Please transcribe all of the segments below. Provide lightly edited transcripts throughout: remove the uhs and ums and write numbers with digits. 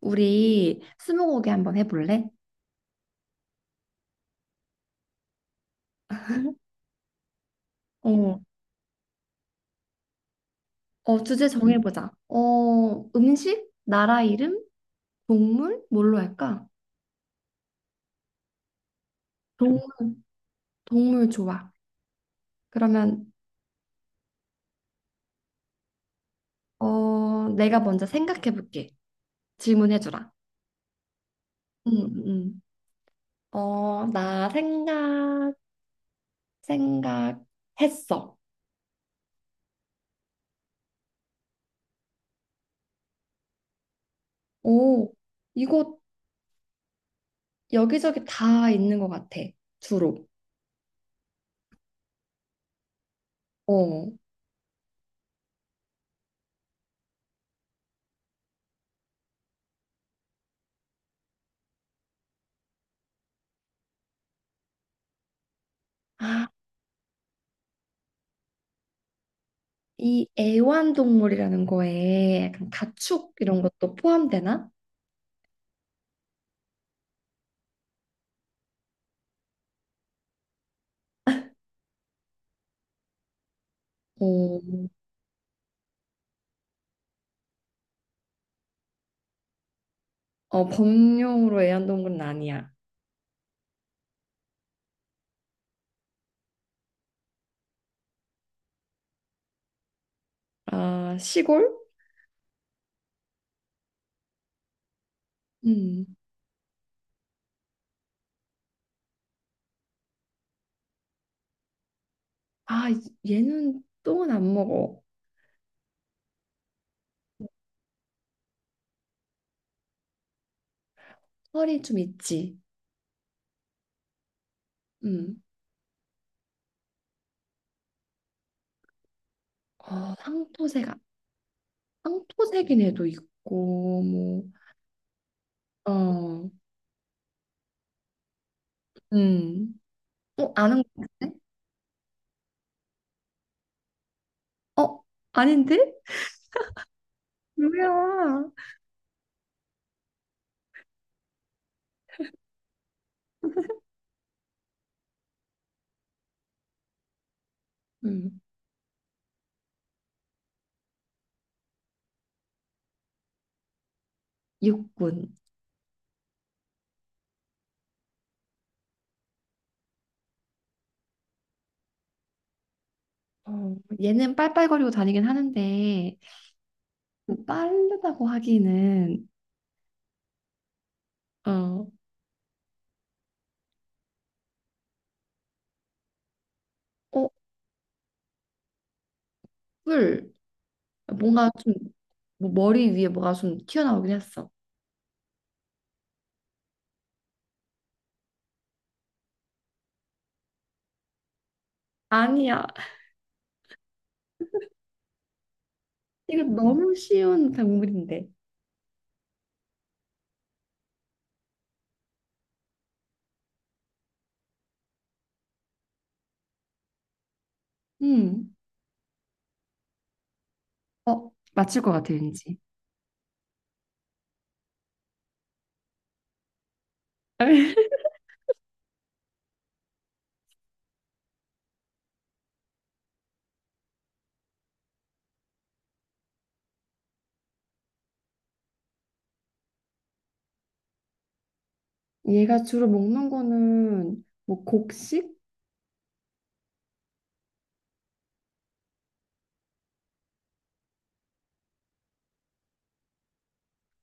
우리 스무고개 한번 해볼래? 어, 주제 정해보자. 음식, 나라 이름, 동물, 뭘로 할까? 동, 동물 좋아. 그러면 내가 먼저 생각해볼게. 질문해주라. 응, 응. 어, 나 생각, 생각했어. 오, 이곳 여기저기 다 있는 것 같아, 주로. 어. 아, 이 애완동물이라는 거에 약간 가축 이런 것도 포함되나? 어, 어 범용으로 애완동물은 아니야. 아, 시골? 음. 아, 얘는 똥은 안 먹어. 털이 좀 있지. 음. 황토새가황토새긴 애도 있고, 어, 음. 어, 아는 것 같은데? 어, 아닌데? 뭐야? 음, 육군. 어, 얘는 빨빨거리고 다니긴 하는데, 빠르다고 하기는 어, 어, 풀 뭔가 좀 뭐 머리 위에 뭐가 좀 튀어나오긴 했어. 아니야, 이거 너무 쉬운 동물인데. 음, 어, 맞출 것 같아 왠지. 얘가 주로 먹는 거는 뭐 곡식?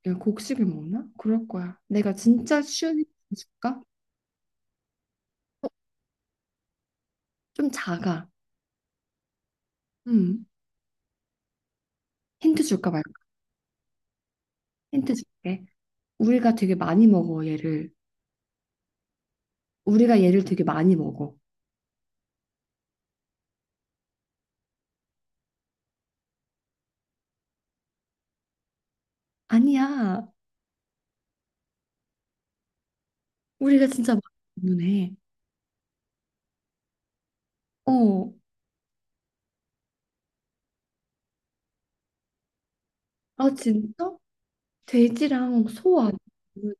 얘 곡식을 먹나? 그럴 거야. 내가 진짜 쉬운 힌트 줄까? 어, 좀 작아. 음, 힌트 줄까 말까? 힌트 줄게. 우리가 되게 많이 먹어 얘를. 우리가 얘를 되게 많이 먹어. 아니야. 우리가 진짜 많이 때문에. 어, 아 진짜? 돼지랑 소 아니면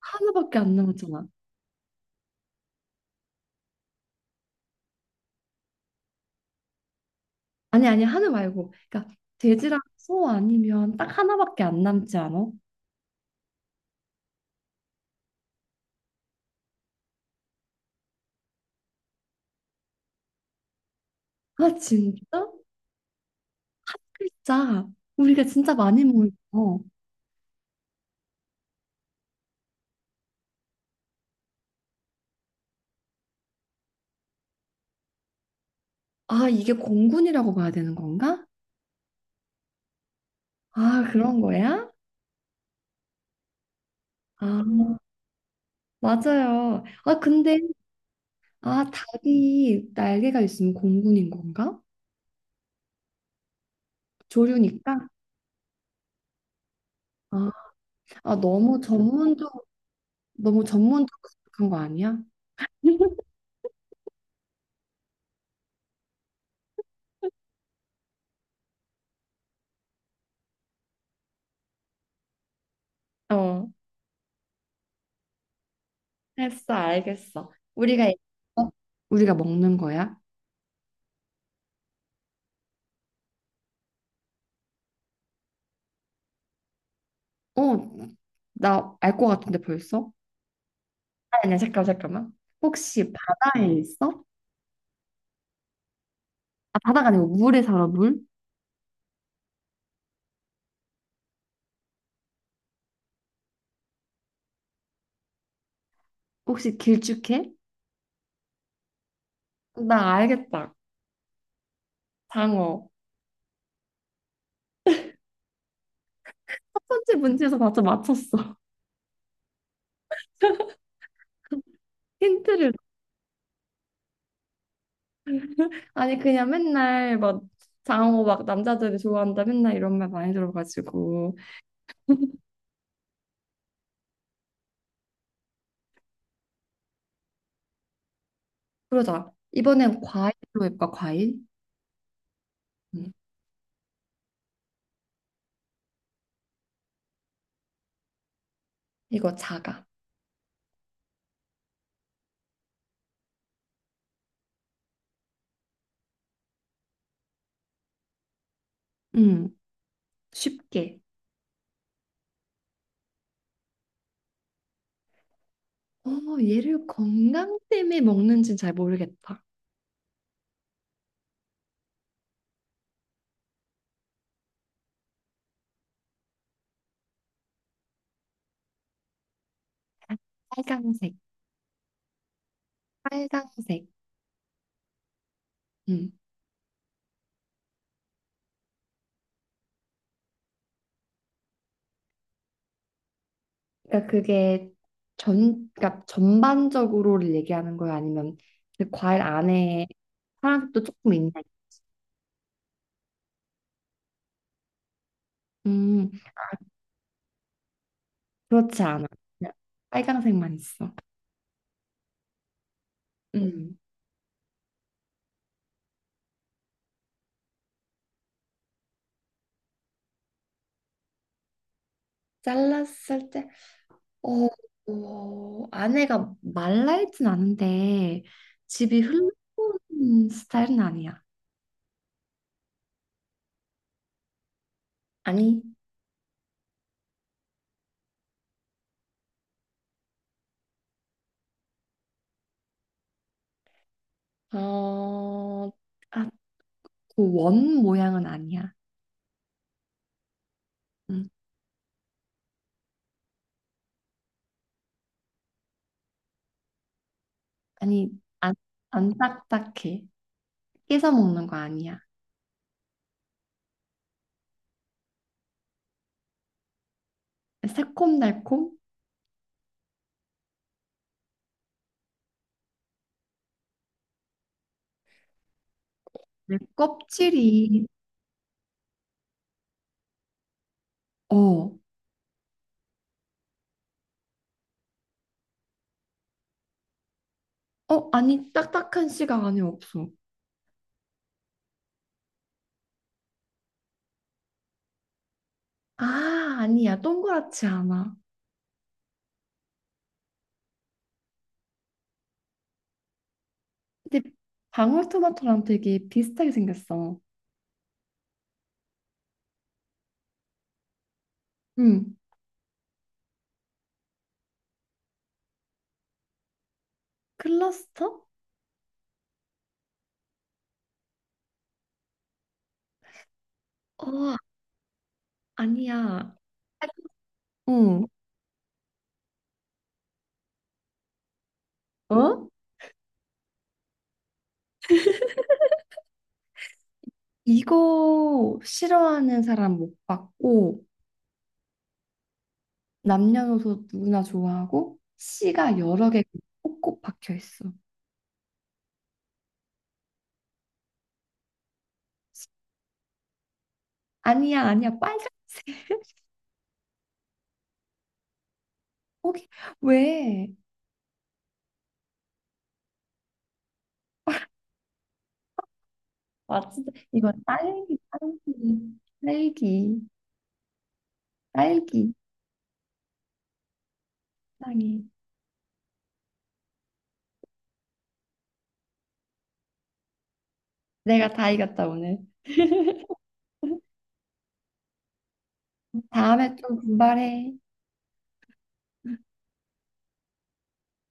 하나밖에 안 남았잖아. 아니 아니 하나 말고, 그러니까 돼지랑 소 아니면 딱 하나밖에 안 남지 않아? 아 진짜? 진짜 우리가 진짜 많이 모여서. 아 이게 공군이라고 봐야 되는 건가? 아 그런 거야? 아 맞아요. 아 근데 아 닭이 날개가 있으면 공군인 건가? 조류니까. 아, 아, 너무 전문적으로 너무 전문적인 거 아니야? 어, 했어, 알겠어. 우리가 얘- 어? 우리가 먹는 거야? 어, 나 알 것 같은데 벌써? 아니야, 잠깐, 잠깐만. 혹시 바다에 있어? 아, 바다가 아니고 물에 살아, 물? 혹시 길쭉해? 나 알겠다. 장어. 첫 번째 문제에서 맞춰 맞췄어. 힌트를. 아니, 그냥 맨날 막 장어 막 남자들이 좋아한다 맨날 이런 말 많이 들어가지고. 그러자. 이번엔 과일로 해볼까, 과일? 음, 이거 자가. 음, 쉽게. 어, 얘를 건강 때문에 먹는지는 잘 모르겠다. 빨강색, 빨강색. 음. 그러니까 그게 그러니까 전반적으로를 얘기하는 거야? 아니면 그 과일 안에 파란색도 조금 있나? 음, 그렇지 않아. 그냥 빨강색만 있어. 음. 잘랐을 때 어, 아내가 말라있진 않은데 집이 흘러온 스타일은 아니야. 아니, 어, 아, 그 원 모양은 아니야. 응. 아니, 안, 안 딱딱해. 깨서 먹는 거 아니야. 새콤달콤? 내 껍질이 어, 어, 아니, 딱딱한 씨가 안에 없어. 아, 아니야. 동그랗지 않아. 근데 방울토마토랑 되게 비슷하게 생겼어. 응. 클러스터? 어, 아니야. 아, 응. 어? 이거 싫어하는 사람 못 봤고, 남녀노소 누구나 좋아하고, 씨가 여러 개 꼭꼭 박혀 있어. 아니야, 아니야. 빨간색. 거기 왜? 아, 진짜. 이거 딸기, 딸기, 딸기, 딸기. 땅에. 내가 다 이겼다, 오늘. 다음에 좀 분발해.